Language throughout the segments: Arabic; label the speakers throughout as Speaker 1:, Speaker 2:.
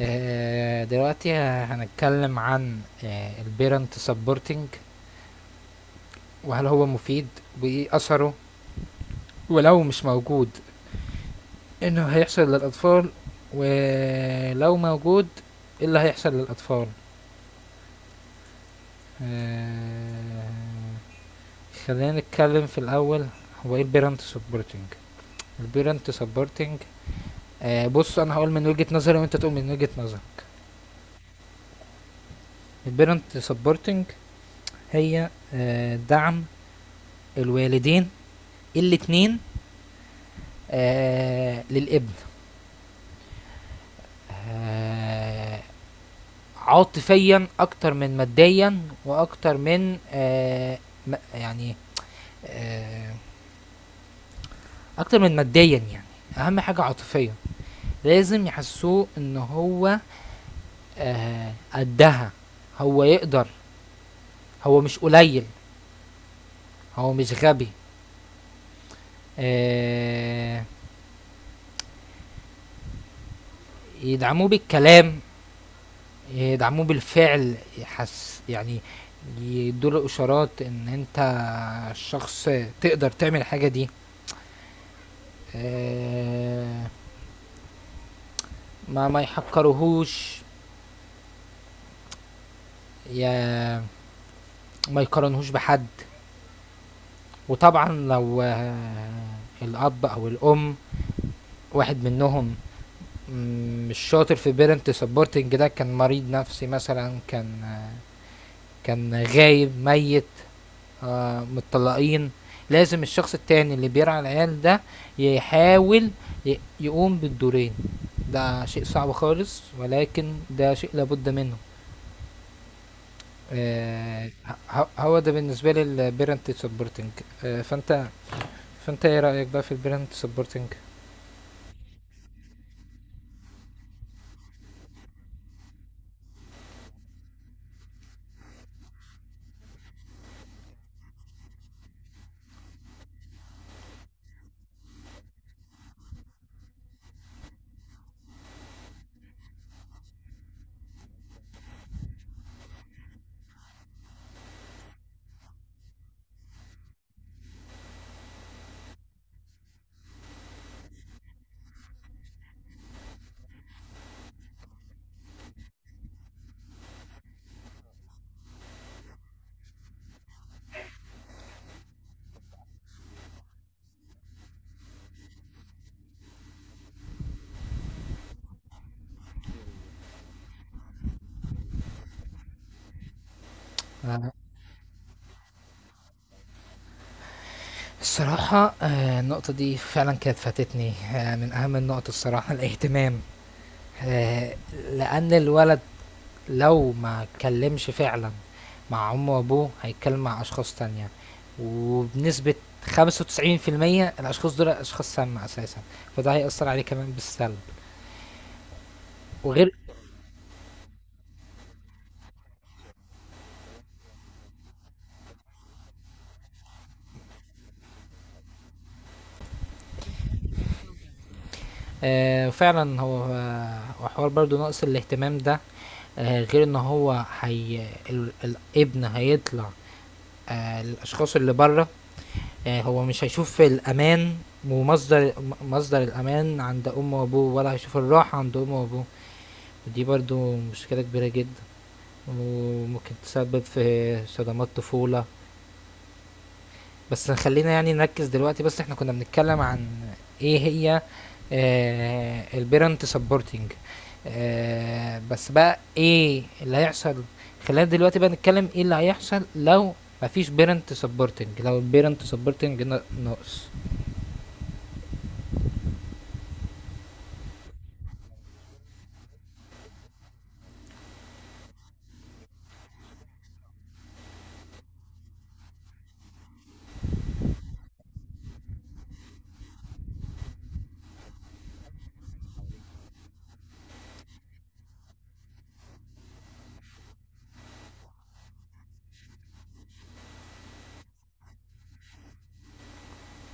Speaker 1: دلوقتي هنتكلم عن البيرنت سبورتنج، وهل هو مفيد، وايه اثره، ولو مش موجود انه هيحصل للاطفال، ولو موجود ايه اللي هيحصل للاطفال. آه، خلينا نتكلم في الاول هو ايه البيرنت سبورتنج. البيرنت سبورتنج بص انا هقول من وجهة نظري وانت تقول من وجهة نظرك. البيرنت سبورتنج هي دعم الوالدين الاتنين للابن، آه عاطفيا اكتر من ماديا واكتر من يعني آه اكتر من ماديا، يعني اهم حاجة عاطفيا. لازم يحسوه ان هو قدها، هو يقدر، هو مش قليل، هو مش غبي. آه يدعموه بالكلام، يدعموه بالفعل يحس يعني، يدوله اشارات ان انت شخص تقدر تعمل الحاجه دي. آه، ما يحقرهوش يا ما يقارنهوش بحد. وطبعا لو الاب او الام واحد منهم مش شاطر في بيرنت سبورتنج ده، كان مريض نفسي مثلا، كان كان غايب ميت، متطلقين، لازم الشخص التاني اللي بيرعى العيال ده يحاول يقوم بالدورين. ده شيء صعب خالص ولكن ده شيء لابد منه. آه هو ده بالنسبة لي البيرنت سبورتنج. آه فانت فانت ايه رأيك بقى في البيرنت سبورتنج؟ آه الصراحة النقطة دي فعلا كانت فاتتني، من اهم النقط الصراحة الاهتمام. لان الولد لو ما اتكلمش فعلا مع امه وابوه هيتكلم مع اشخاص تانية، وبنسبة 95% الاشخاص دول اشخاص سامة اساسا، فده هيأثر عليه كمان بالسلب. وغير فعلا، هو وحوار برضو نقص الاهتمام ده، غير ان هو الابن هيطلع الاشخاص اللي بره، هو مش هيشوف الامان، ومصدر مصدر الامان عند امه وابوه، ولا هيشوف الراحة عند امه وابوه. دي برضو مشكلة كبيرة جدا، وممكن تسبب في صدمات طفولة. بس خلينا يعني نركز دلوقتي، بس احنا كنا بنتكلم عن ايه هي البيرنت سبورتنج. بس بقى ايه اللي هيحصل؟ خلينا دلوقتي بقى نتكلم ايه اللي هيحصل لو مفيش بيرنت سبورتنج، لو البيرنت سبورتنج ناقص.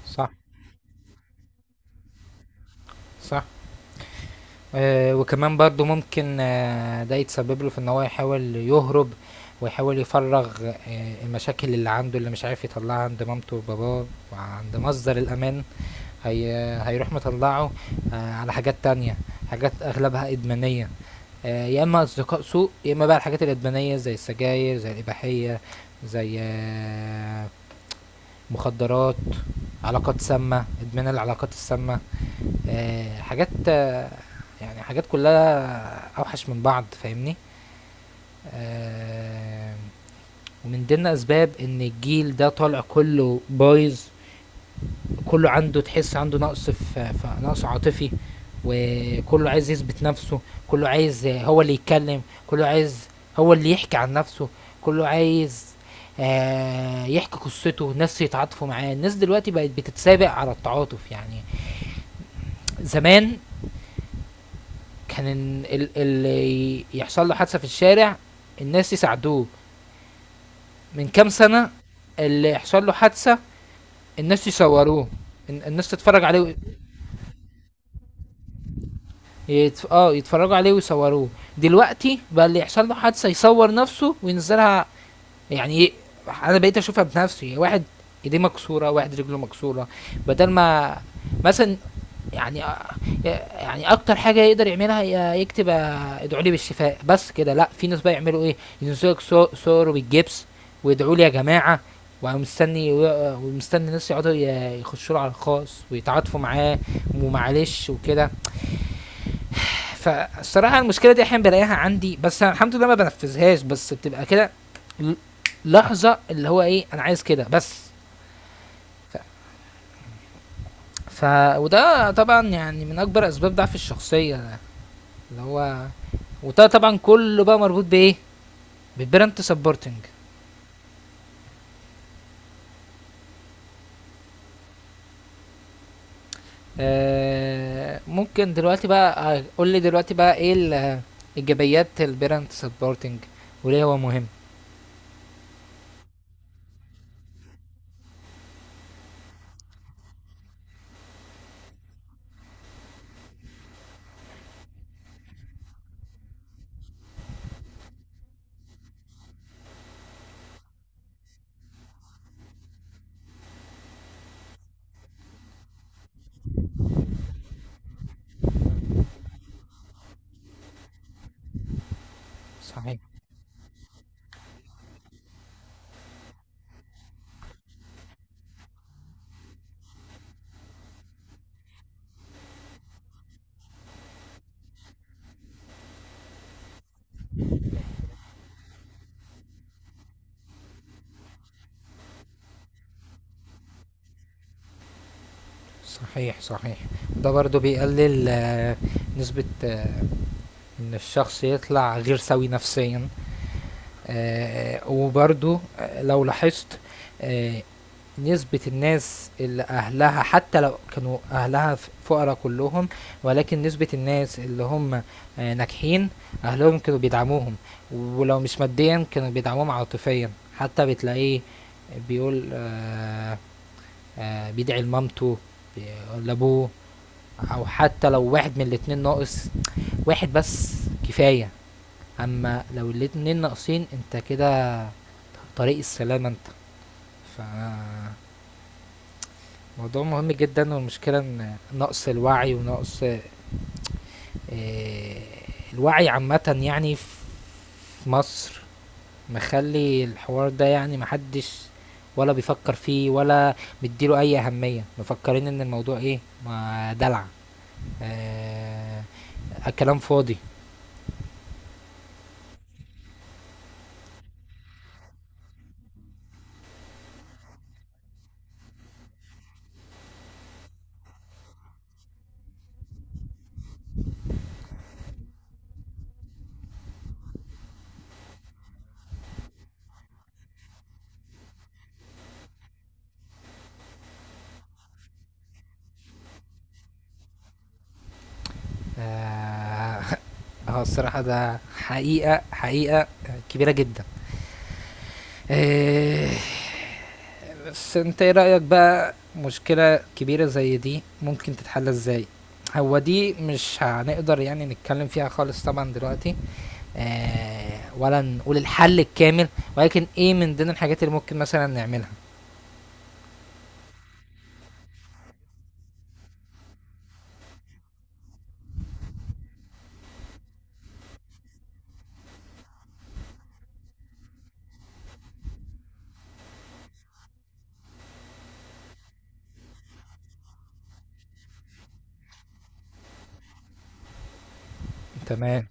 Speaker 1: صح، صح. وكمان برضه ممكن ده يتسبب له في إن هو يحاول يهرب، ويحاول يفرّغ المشاكل اللي عنده اللي مش عارف يطلّعها عند مامته وباباه وعند مصدر الأمان، هي هيروح مطلّعه على حاجات تانية، حاجات أغلبها إدمانية، يا إما أصدقاء سوء، يا إما بقى الحاجات الإدمانية زي السجاير، زي الإباحية، زي مخدرات، علاقات سامة، إدمان العلاقات السامة. حاجات يعني حاجات كلها اوحش من بعض فاهمني. آه، ومن ضمن اسباب ان الجيل ده طالع كله بايظ، كله عنده تحس عنده نقص نقص عاطفي، وكله عايز يثبت نفسه، كله عايز هو اللي يتكلم، كله عايز هو اللي يحكي عن نفسه، كله عايز يحكي قصته ناس يتعاطفوا معاه. الناس دلوقتي بقت بتتسابق على التعاطف يعني. زمان كان اللي يحصل له حادثه في الشارع الناس يساعدوه. من كام سنه اللي يحصل له حادثه الناس يصوروه، الناس تتفرج عليه و- يتفرجوا عليه ويصوروه. دلوقتي بقى اللي يحصل له حادثه يصور نفسه وينزلها. يعني ايه؟ انا بقيت اشوفها بنفسي، واحد ايديه مكسوره، واحد رجله مكسوره، بدل ما مثلا يعني يعني اكتر حاجه يقدر يعملها يكتب ادعوا لي بالشفاء، بس كده. لا، في ناس بقى يعملوا ايه، ينزلوا لك صور بالجبس ويدعوا لي يا جماعه. ومستني الناس يقعدوا يخشوا له على الخاص ويتعاطفوا معاه ومعلش وكده. فالصراحه المشكله دي احيانا بلاقيها عندي، بس الحمد لله ما بنفذهاش، بس بتبقى كده ل- لحظه اللي هو ايه انا عايز كده بس. ف... ف وده طبعا يعني من اكبر اسباب ضعف الشخصيه ده اللي هو، وده طبعا كله بقى مربوط بايه، بالبرنت سبورتنج. ممكن دلوقتي بقى قول لي دلوقتي بقى ايه ايجابيات البرنت سبورتنج وليه هو مهم؟ صحيح صحيح، صحيح. ده برضو بيقلل نسبة ان الشخص يطلع غير سوي نفسيا. وبرضو لو لاحظت آه، نسبة الناس اللي أهلها حتى لو كانوا أهلها فقراء كلهم، ولكن نسبة الناس اللي هم ناجحين أهلهم كانوا بيدعموهم، ولو مش ماديا كانوا بيدعموهم عاطفيا. حتى بتلاقيه بيقول بيدعي لمامته بي- لأبوه. أو حتى لو واحد من الاتنين ناقص، واحد بس كفاية. أمّا لو الاتنين ناقصين أنت كده طريق السلامة أنت. ف موضوع مهم جدًا، والمشكلة إن نقص الوعي ونقص الوعي عامةً يعني في مصر، مخلّي الحوار ده يعني ما حدش ولا بيفكّر فيه، ولا مدّي له أي أهمية، مفكّرين إن الموضوع إيه، ما دلع، آآ كلام فاضي. آه، هو الصراحة ده حقيقة، حقيقة كبيرة جدا. آه، بس انت ايه رأيك بقى، مشكلة كبيرة زي دي ممكن تتحل ازاي؟ هو دي مش هنقدر يعني نتكلم فيها خالص طبعا دلوقتي، ولا نقول الحل الكامل، ولكن ايه من ضمن الحاجات اللي ممكن مثلا نعملها. تمام.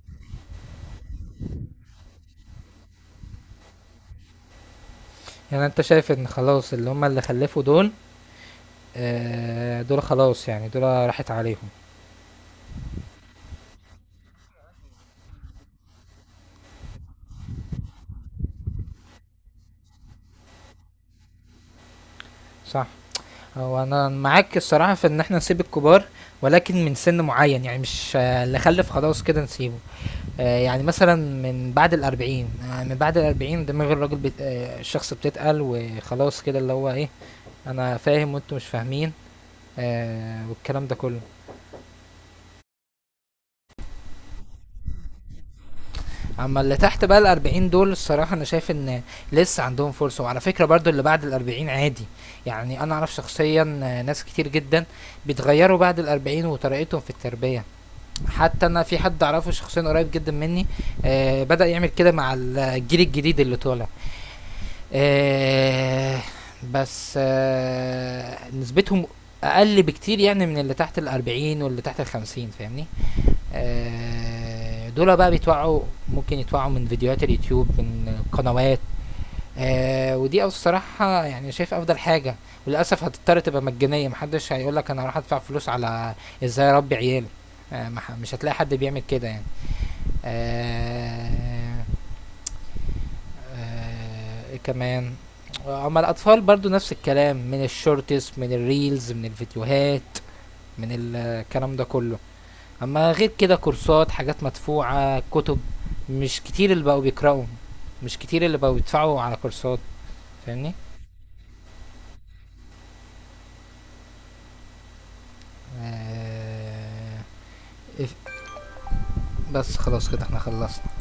Speaker 1: يعني انت شايف ان خلاص اللي هم اللي خلفوا دول، دول خلاص، يعني دول راحت عليهم. صح. هو أنا معاك الصراحة في إن إحنا نسيب الكبار، ولكن من سن معين، يعني مش اللي خلف خلاص كده نسيبه، يعني مثلا من بعد الأربعين، من بعد الأربعين دماغ الراجل بت... آه، الشخص بتتقل وخلاص كده اللي هو إيه، أنا فاهم وأنتوا مش فاهمين والكلام ده كله. أما اللي تحت بقى الأربعين دول الصراحة أنا شايف إن لسه عندهم فرصة. وعلى فكرة برضو اللي بعد الأربعين عادي، يعني أنا أعرف شخصيا ناس كتير جدا بيتغيروا بعد الأربعين وطريقتهم في التربية. حتى انا في حد اعرفه شخصيا قريب جدا مني بدأ يعمل كده مع الجيل الجديد اللي طالع. آه بس آه نسبتهم اقل بكتير، يعني من اللي تحت الاربعين واللي تحت الخمسين فاهمني. دول بقى بيتوعوا، ممكن يتوعوا من فيديوهات اليوتيوب، من قنوات ودي، أو الصراحة يعني شايف أفضل حاجة. وللأسف هتضطر تبقى مجانية، محدش هيقولك أنا هروح أدفع فلوس على إزاي أربي عيالي. آه ما ح- مش هتلاقي حد بيعمل كده يعني. آه إيه كمان؟ أما الأطفال برضو نفس الكلام، من الشورتس، من الريلز، من الفيديوهات، من الكلام ده كله. اما غير كده كورسات، حاجات مدفوعة، كتب، مش كتير اللي بقوا بيقرأوا، مش كتير اللي بقوا بيدفعوا على كورسات فاهمني. آه، إف- بس خلاص كده احنا خلصنا.